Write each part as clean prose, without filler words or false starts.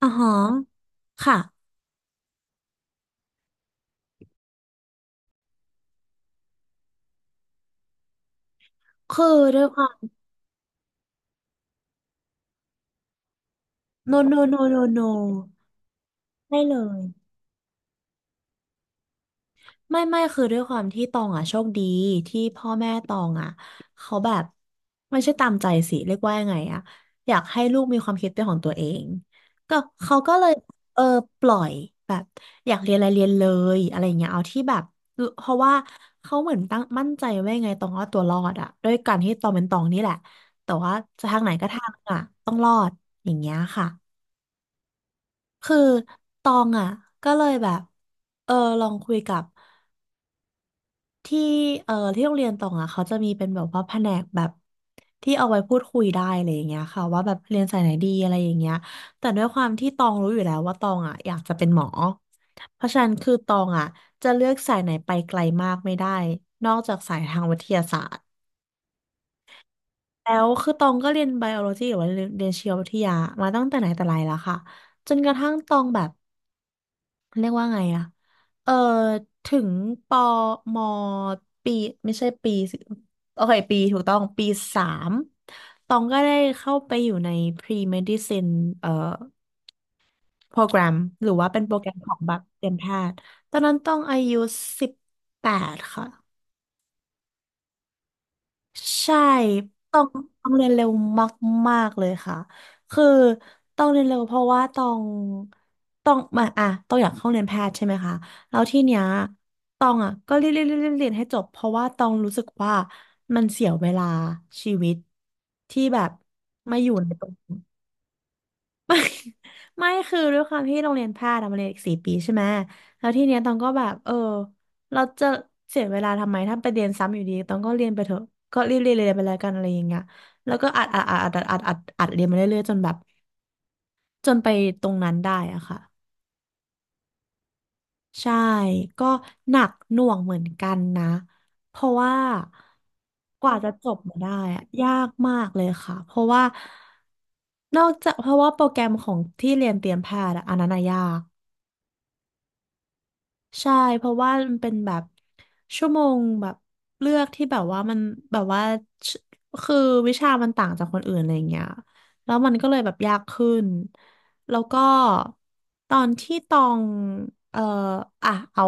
อ๋อฮะค่ะ คือด้วยความ no no no no no ไม่เลยไม่คือด้วยความที่ตองอ่ะโชคดีที่พ่อแม่ตองอ่ะเขาแบบไม่ใช่ตามใจสิเรียกว่ายังไงอ่ะอยากให้ลูกมีความคิดเป็นของตัวเองก็เขาก็เลยเออปล่อยแบบอยากเรียนอะไรเรียนเลยอะไรอย่างเงี้ยเอาที่แบบเพราะว่าเขาเหมือนตั้งมั่นใจไว้ไงตองว่าตัวรอดอ่ะด้วยการที่ตองเป็นตองนี่แหละแต่ว่าจะทางไหนก็ทางอ่ะต้องรอดอย่างเงี้ยค่ะ คือตองอ่ะก็เลยแบบเออลองคุยกับที่ที่โรงเรียนตองอ่ะเขาจะมีเป็นแบบว่าแผนกแบบที่เอาไว้พูดคุยได้อะไรอย่างเงี้ยค่ะว่าแบบเรียนสายไหนดีอะไรอย่างเงี้ยแต่ด้วยความที่ตองรู้อยู่แล้วว่าตองอ่ะอยากจะเป็นหมอเพราะฉะนั้นคือตองอ่ะจะเลือกสายไหนไปไกลมากไม่ได้นอกจากสายทางวิทยาศาสตร์แล้วคือตองก็เรียนไบโอโลจีหรือว่าเรียนชีววิทยามาตั้งแต่ไหนแต่ไรแล้วค่ะจนกระทั่งตองแบบ เรียกว่าไงอะเออถึงปอมอปีไม่ใช่ปีสิโอเคปีถูกต้องปีสามตองก็ได้เข้าไปอยู่ใน pre-medicine เอ่อโปรแกรมหรือว่าเป็นโปรแกรมของแบบเตรียมแพทย์ตอนนั้นต้องอายุ18ค่ะ ใช่ ต้องต้องเรียนเร็วมากๆเลยค่ะ คือต้องเรียนเร็วเพราะว่าต้องมาอ่ะต้องอยากเข้าเรียนแพทย์ใช่ไหมคะ แล้วที่เนี้ยต้องอ่ะก็เรียนเรียนเรียนเรียนเรียนให้จบเพราะว่าต้องรู้สึกว่ามันเสียเวลาชีวิตที่แบบมาอยู่ในตรงนี้ ไม่คือด้วยความที่โรงเรียนแพทย์อะมันเรียนอีก4ปีใช่ไหมแล้วทีเนี้ยตองก็แบบเราจะเสียเวลาทำไมถ้าไปเรียนซ้ำอยู่ดีตองก็เรียนไปเถอะก็รีบเรียนไปแล้วกันอะไรอย่างเงี้ยแล้วก็อัดเรียนมาเรื่อยๆจนแบบจนไปตรงนั้นได้อะค่ะใช่ก็หนักหน่วงเหมือนกันนะเพราะว่ากว่าจะจบมาได้อะยากมากเลยค่ะเพราะว่านอกจากเพราะว่าโปรแกรมของที่เรียนเตรียมแพทย์อะอันนั้นอะยาก ใช่เพราะว่ามันเป็นแบบชั่วโมงแบบเลือกที่แบบว่ามันแบบว่าชคือวิชามันต่างจากคนอื่นอะไรอย่างเงี้ยแล้วมันก็เลยแบบยากขึ้นแล้วก็ตอนที่ตองเอ่ออ่ะเอา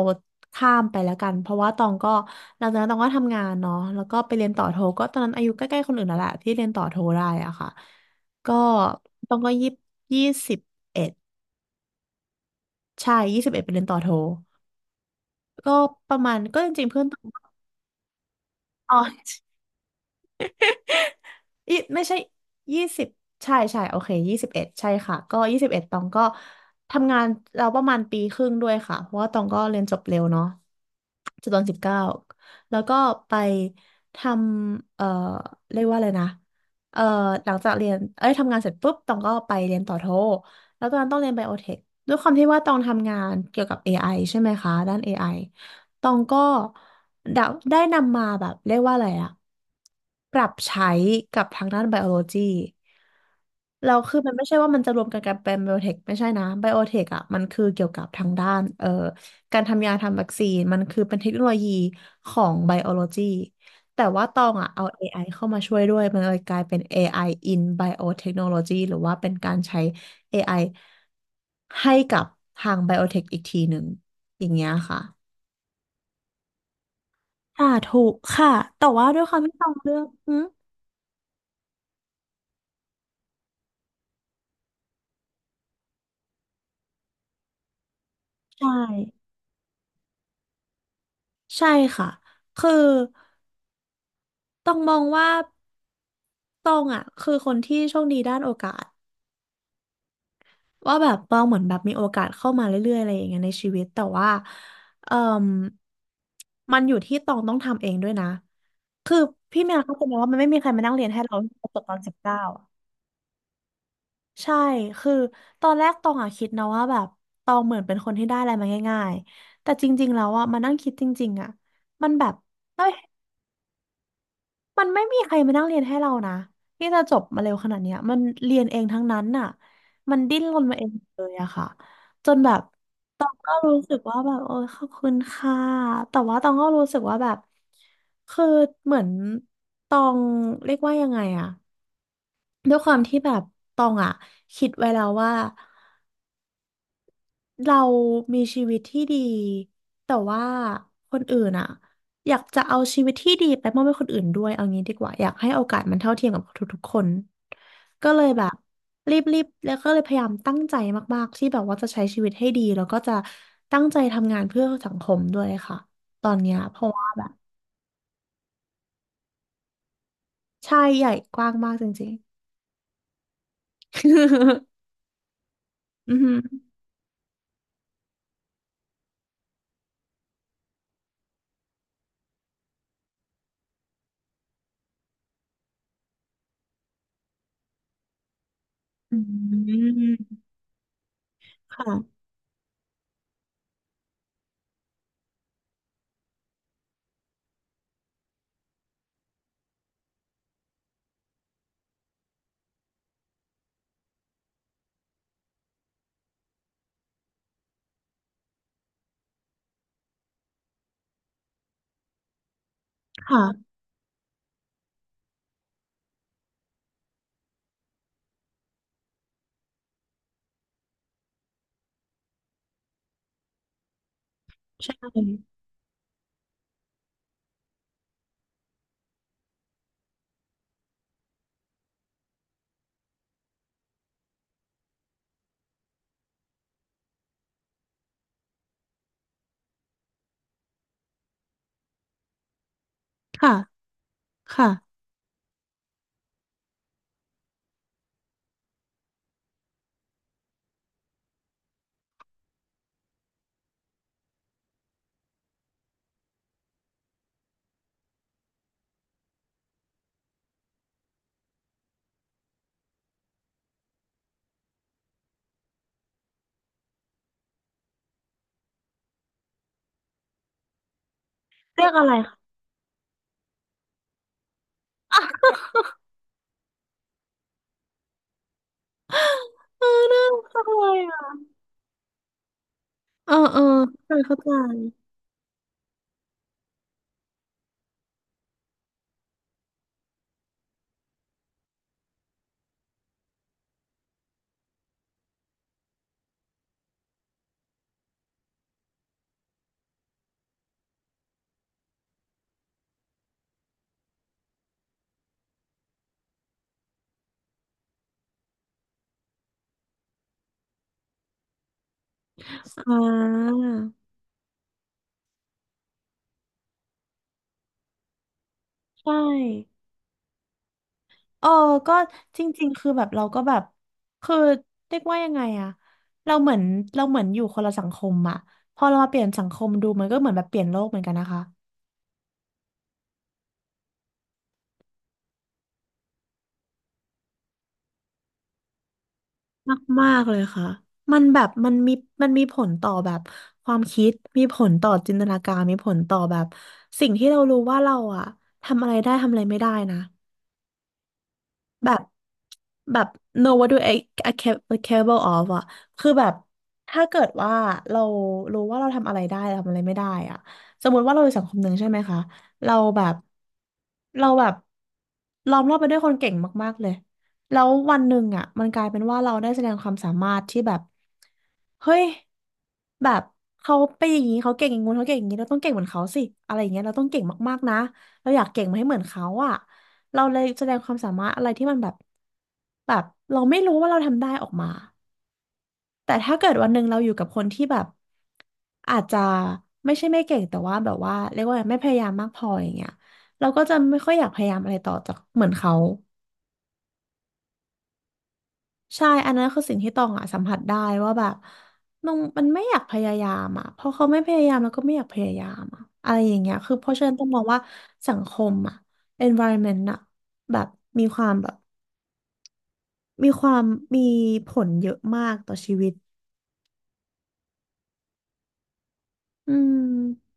ข้ามไปแล้วกันเพราะว่าตองก็หลังจากนั้นตองก็ทำงานเนาะแล้วก็ไปเรียนต่อโทก็ตอนนั้นอายุใกล้ๆคนอื่นแล้วแหละที่เรียนต่อโทได้อะค่ะก็ตองก็ยี่สิบเอ็ดใช่ยี่สิบเอ็ดไปเรียนต่อโท ก็ประมาณก็จริงๆเพื่อนตองอ๋อ อีไม่ใช่20ใช่ใช่โอเคยี่สิบเอ็ดใช่ค่ะก็ยี่สิบเอ็ดตองก็ทำงานเราประมาณปีครึ่งด้วยค่ะเพราะว่าตองก็เรียนจบเร็วเนาะจบตอนสิบเก้าแล้วก็ไปทำเรียกว่าอะไรนะเอ่อหลังจากเรียนเอ้ยทำงานเสร็จปุ๊บตองก็ไปเรียนต่อโทแล้วตอนนั้นต้องเรียนไบโอเทคด้วยความที่ว่าตองทำงานเกี่ยวกับ AI ใช่ไหมคะด้านเอไอ ตองก็ได้ได้นำมาแบบเรียกว่าอะไรอะปรับใช้กับทางด้านไบโอโลจีเราคือมันไม่ใช่ว่ามันจะรวมกันเป็นไบโอเทคไม่ใช่นะไบโอเทคอะมันคือเกี่ยวกับทางด้านการทำยาทำวัคซีนมันคือเป็นเทคโนโลยีของไบโอโลจีแต่ว่าตองอะเอา AI เข้ามาช่วยด้วยมันเลยกลายเป็น AI in Biotechnology หรือว่าเป็นการใช้ AI ให้กับทางไบโอเทคอีกทีหนึ่งอย่างเงี้ยค่ะ สาธุค่ะแต่ว่าด้วยความที่ตองเลือกอืมใช่ใช่ค่ะคือต้องมองว่าตองอ่ะคือคนที่โชคดีด้านโอกาสว่าแบบตองเหมือนแบบมีโอกาสเข้ามาเรื่อยๆอะไรอย่างเงี้ยในชีวิตแต่ว่าเอ่มมันอยู่ที่ตองต้องทำเองด้วยนะคือพี่เมียเขาจะมองว่ามันไม่มีใครมานั่งเรียนให้เราจบตอนสิบเก้า ใช่คือตอนแรกตองอะคิดนะว่าแบบตองเหมือนเป็นคนที่ได้อะไรมาง่ายๆแต่จริงๆแล้วอะมานั่งคิดจริงๆอะมันแบบเอ้ยมันไม่มีใครมานั่งเรียนให้เรานะที่จะจบมาเร็วขนาดเนี้ยมันเรียนเองทั้งนั้นน่ะมันดิ้นรนมาเองเลยอะค่ะจนแบบตองก็รู้สึกว่าแบบโอ้ยขอบคุณค่ะแต่ว่าตองก็รู้สึกว่าแบบคือเหมือนตองเรียกว่ายังไงอะด้วยความที่แบบตองอะคิดไว้แล้วว่า เรามีชีวิตที่ดีแต่ว่าคนอื่นอะอยากจะเอาชีวิตที่ดีไปมอบให้คนอื่นด้วยเอางี้ดีกว่าอยากให้โอกาสมันเท่าเทียมกับทุกๆคนก็เลยแบบรีบๆแล้วก็เลยพยายามตั้งใจมากๆที่แบบว่าจะใช้ชีวิตให้ดีแล้วก็จะตั้งใจทำงานเพื่อสังคมด้วยค่ะตอนเนี้ยเพราะว่าแบบใช่ใหญ่กว้างมากจริงๆ อือหืออืมค่ะค่ะใช่ค่ะค่ะเรื่องอะไร เออน่ารักเลยอ่ะเออเออเข้าใจเข้าใจอ่าใช่ เออ ก็จริงๆคือแบบเราก็แบบคือเรียกว่ายังไงอะเราเหมือนเราเหมือนอยู่คนละสังคมอะพอเรามาเปลี่ยนสังคมดูมันก็เหมือนแบบเปลี่ยนโลกเหมือนกันนะคะมากมากเลยค่ะมันแบบมันมีมันมีผลต่อแบบความคิด มีผลต่อจินตนาการมีผลต่อแบบสิ่งที่เรารู้ว่าเราอะทำอะไรได้ทำอะไรไม่ได้นะ แบบแบบ no what do I I like capable of อะคือแบบถ้าเกิดว่าเรารู้ว่าเราทำอะไรได้เราทำอะไรไม่ได้อะสมมติว่าเราอยู่สังคมหนึ่งใช่ไหมคะเราแบบเราแบบล้อมรอบไปด้วยคนเก่งมากๆเลยแล้ววันหนึ่งอะมันกลายเป็นว่าเราได้แสดงความสามารถที่แบบเฮ้ยแบบเขาไปนอย่างนี้เขาเก่งอย่างงู้นเขาเก่งอย่างนี้เราต้องเก่งเหมือนเขาสิอะไรอย่างเงี้ยเราต้องเก่งมากๆนะ เราอยากเก่งมาให้เหมือนเขาอะเราเลยแสดงความสามารถอะไรที่มันแบบแบบเราไม่รู้ว่าเราทำได้ออกมา แต่ถ้าเกิดวันหนึ่งเราอยู่กับคนที่แบบอาจจะไม่ใช่ไม่เก่งแต่ว่าแบบว่าเรียกว่าไม่พยายามมากพออย่างเงี้ยเราก็จะไม่ค่อยอยากพยายามอะไรต่อจากเหมือนเขา ใช่อันนั้นคือสิ่งที่ตองอะสัมผัสได้ว่าแบบน้องมันไม่อยากพยายามอะเพราะเขาไม่พยายามแล้วก็ไม่อยากพยายามอะอะไรอย่างเงี้ยคือเพราะฉะนั้นต้องมองว่าสังคมอะ environment อะแบบมีความแบบ มีความมีผลเยอะมากต่อชีวิตอืม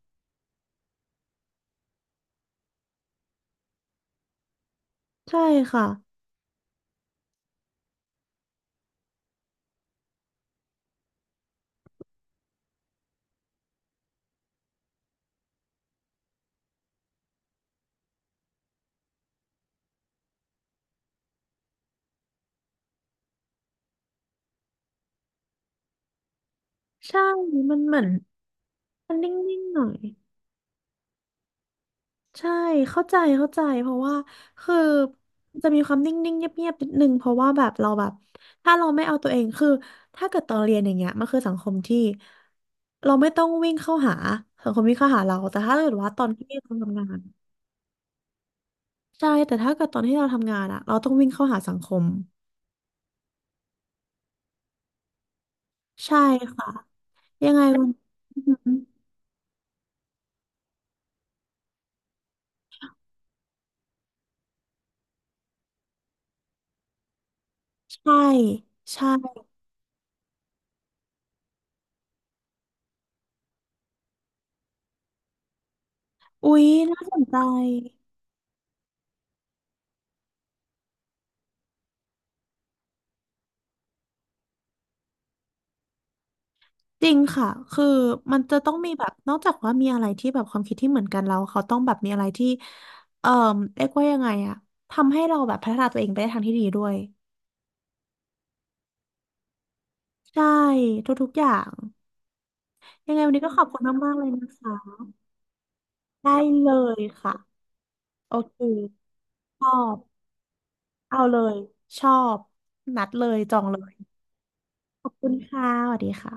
ใช่ค่ะใช่มันเหมือนมันนิ่งๆหน่อยใช่เข้าใจเข้าใจเพราะว่าคือจะมีความนิ่งๆเงียบๆนิดนึงเพราะว่าแบบเราแบบถ้าเราไม่เอาตัวเองคือถ้าเกิดตอนเรียนอย่างเงี้ยมันคือสังคมที่เราไม่ต้องวิ่งเข้าหาสังคมวิ่งเข้าหาเราแต่ถ้าเกิดว่าตอนที่เราทำงานใช่แต่ถ้าเกิดตอนที่เราทำงานอะเราต้องวิ่งเข้าหาสังคมใช่ค่ะยังไงวัน ใช่ใช่อุ๊ยน่าสนใจจริงค่ะคือมันจะต้องมีแบบนอกจากว่ามีอะไรที่แบบความคิดที่เหมือนกันแล้วเขาต้องแบบมีอะไรที่เอ่อเรียกว่ายังไงอะทำให้เราแบบพัฒนาตัวเองไปในทางที่ดีด้วยใช่ทุกๆอย่างยังไงวันนี้ก็ขอบคุณมากๆเลยนะคะได้เลยค่ะโอเคชอบเอาเลยชอบนัดเลยจองเลยขอบคุณค่ะสวัสดีค่ะ